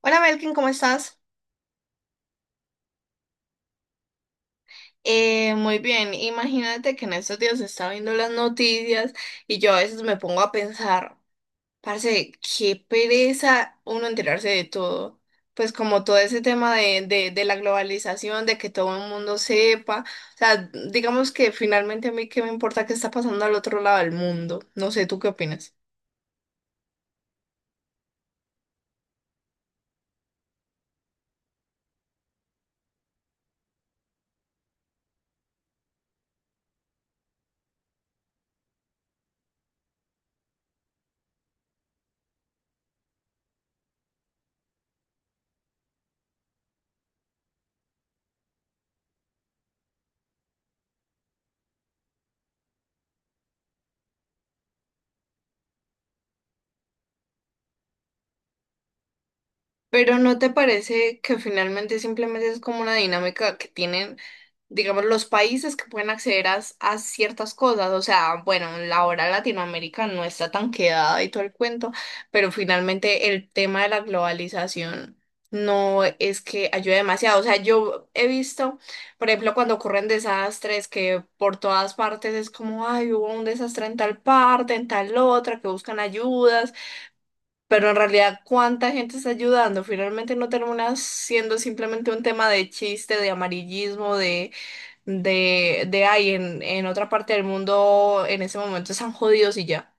Hola Melkin, ¿cómo estás? Muy bien, imagínate que en estos días estaba viendo las noticias y yo a veces me pongo a pensar, parce, qué pereza uno enterarse de todo. Pues como todo ese tema de la globalización, de que todo el mundo sepa. O sea, digamos que finalmente a mí qué me importa qué está pasando al otro lado del mundo. No sé, ¿tú qué opinas? Pero ¿no te parece que finalmente simplemente es como una dinámica que tienen, digamos, los países que pueden acceder a ciertas cosas? O sea, bueno, la hora Latinoamérica no está tan quedada y todo el cuento, pero finalmente el tema de la globalización no es que ayude demasiado. O sea, yo he visto, por ejemplo, cuando ocurren desastres que por todas partes es como, ay, hubo un desastre en tal parte, en tal otra, que buscan ayudas, pero en realidad, ¿cuánta gente está ayudando? Finalmente no termina siendo simplemente un tema de chiste, de amarillismo, de ay, en otra parte del mundo en ese momento están jodidos y ya.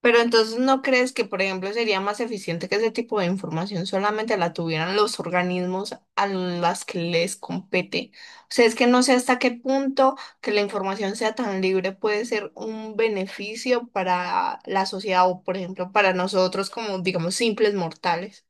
Pero entonces, ¿no crees que, por ejemplo, sería más eficiente que ese tipo de información solamente la tuvieran los organismos a las que les compete? O sea, es que no sé hasta qué punto que la información sea tan libre puede ser un beneficio para la sociedad o, por ejemplo, para nosotros como, digamos, simples mortales.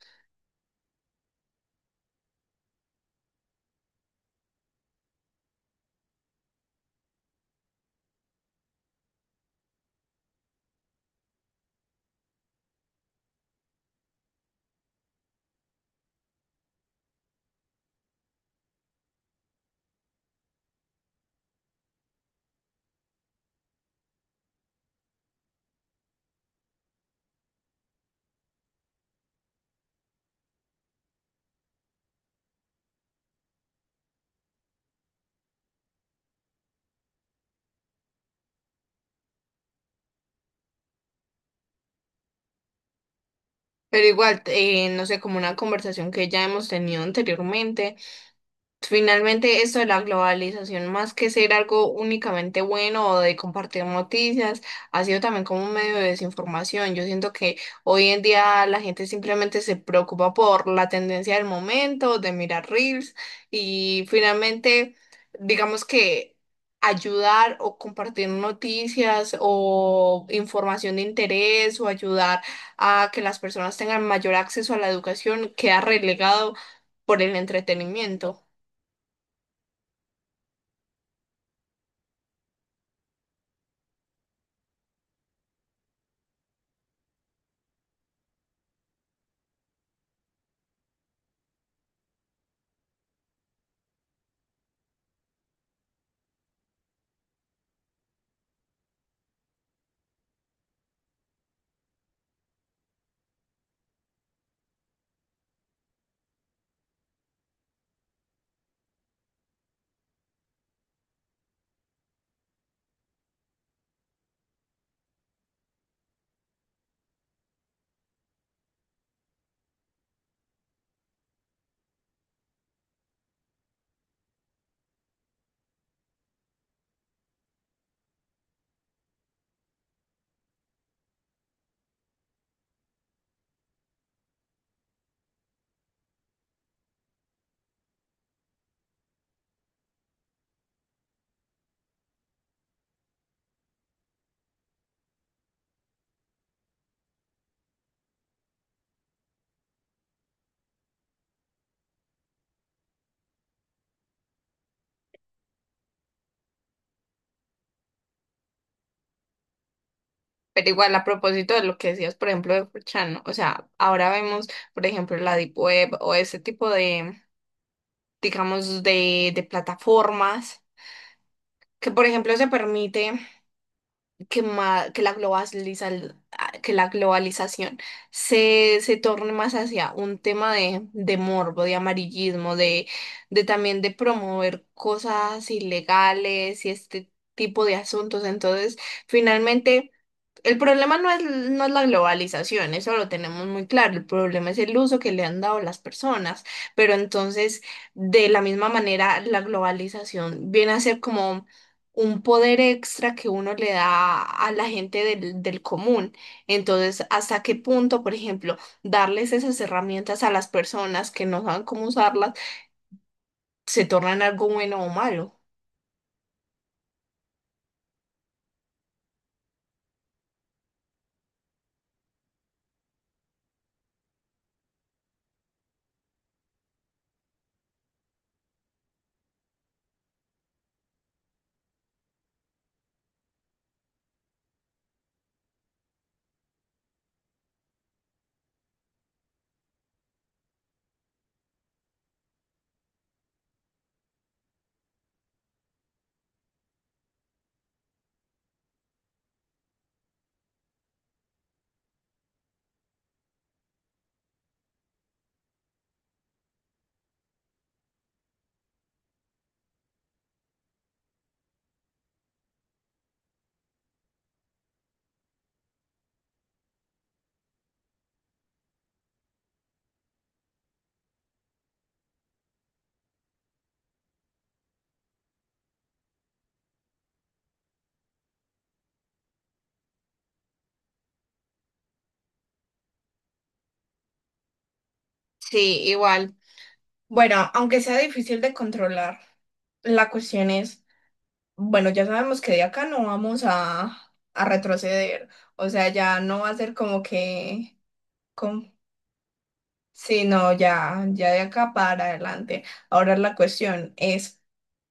Pero igual, no sé, como una conversación que ya hemos tenido anteriormente. Finalmente, esto de la globalización, más que ser algo únicamente bueno o de compartir noticias, ha sido también como un medio de desinformación. Yo siento que hoy en día la gente simplemente se preocupa por la tendencia del momento, de mirar reels y finalmente, digamos que ayudar o compartir noticias o información de interés o ayudar a que las personas tengan mayor acceso a la educación queda relegado por el entretenimiento. Pero igual a propósito de lo que decías, por ejemplo, de 4chan, ¿no? O sea, ahora vemos, por ejemplo, la Deep Web o ese tipo de, digamos, de plataformas que, por ejemplo, se permite que la que la globalización se torne más hacia un tema de morbo, de amarillismo, de también de promover cosas ilegales y este tipo de asuntos. Entonces, finalmente, el problema no es, no es la globalización, eso lo tenemos muy claro. El problema es el uso que le han dado las personas. Pero entonces, de la misma manera, la globalización viene a ser como un poder extra que uno le da a la gente del común. Entonces, ¿hasta qué punto, por ejemplo, darles esas herramientas a las personas que no saben cómo usarlas se tornan algo bueno o malo? Sí, igual. Bueno, aunque sea difícil de controlar, la cuestión es, bueno, ya sabemos que de acá no vamos a retroceder. O sea, ya no va a ser como que, com- sí, no, ya, ya de acá para adelante. Ahora la cuestión es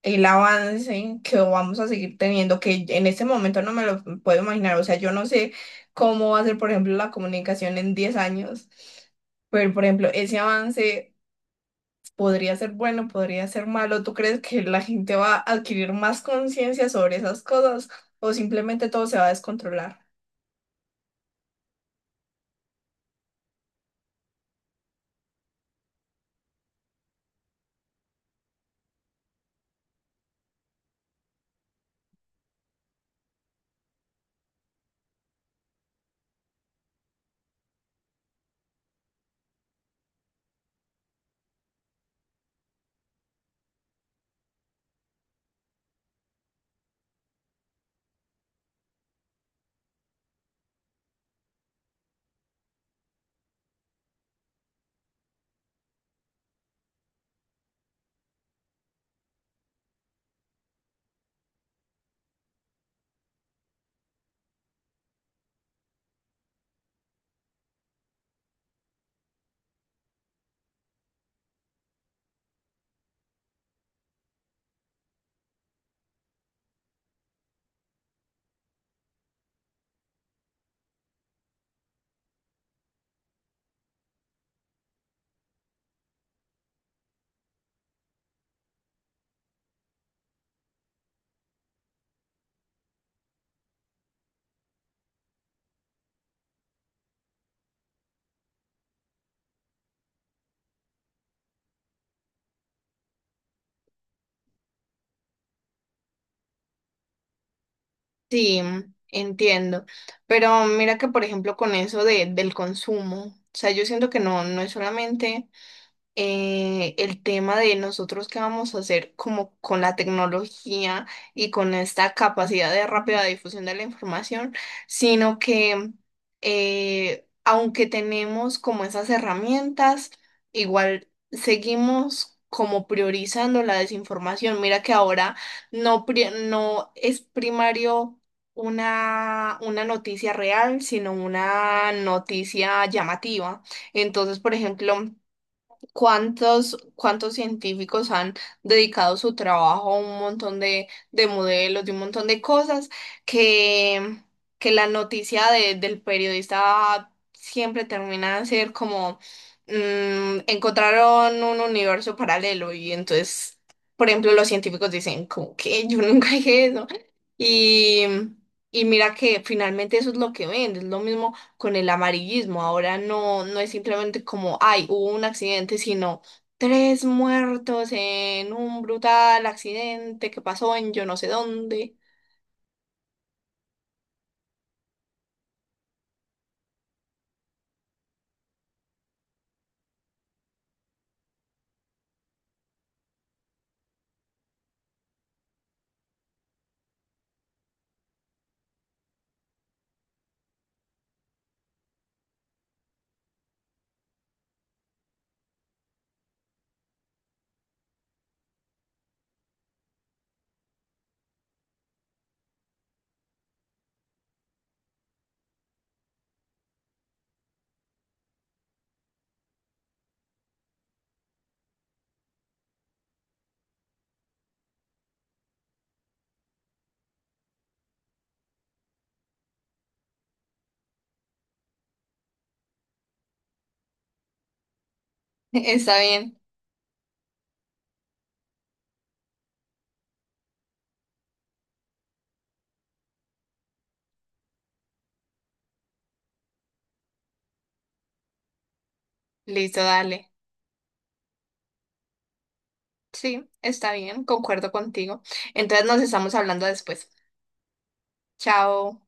el avance que vamos a seguir teniendo, que en este momento no me lo puedo imaginar. O sea, yo no sé cómo va a ser, por ejemplo, la comunicación en 10 años. Pero, por ejemplo, ese avance podría ser bueno, podría ser malo. ¿Tú crees que la gente va a adquirir más conciencia sobre esas cosas o simplemente todo se va a descontrolar? Sí, entiendo. Pero mira que, por ejemplo, con eso de, del consumo, o sea, yo siento que no, no es solamente el tema de nosotros qué vamos a hacer como con la tecnología y con esta capacidad de rápida difusión de la información, sino que, aunque tenemos como esas herramientas, igual seguimos como priorizando la desinformación. Mira que ahora no, no es primario. Una noticia real, sino una noticia llamativa. Entonces, por ejemplo, ¿cuántos científicos han dedicado su trabajo a un montón de modelos, de un montón de cosas que, que la noticia del periodista siempre termina de ser como mm, encontraron un universo paralelo y entonces, por ejemplo, los científicos dicen como que yo nunca dije eso y, y mira que finalmente eso es lo que ven, es lo mismo con el amarillismo. Ahora no, no es simplemente como, ay, hubo un accidente, sino tres muertos en un brutal accidente que pasó en yo no sé dónde. Está bien, listo, dale. Sí, está bien, concuerdo contigo. Entonces nos estamos hablando después. Chao.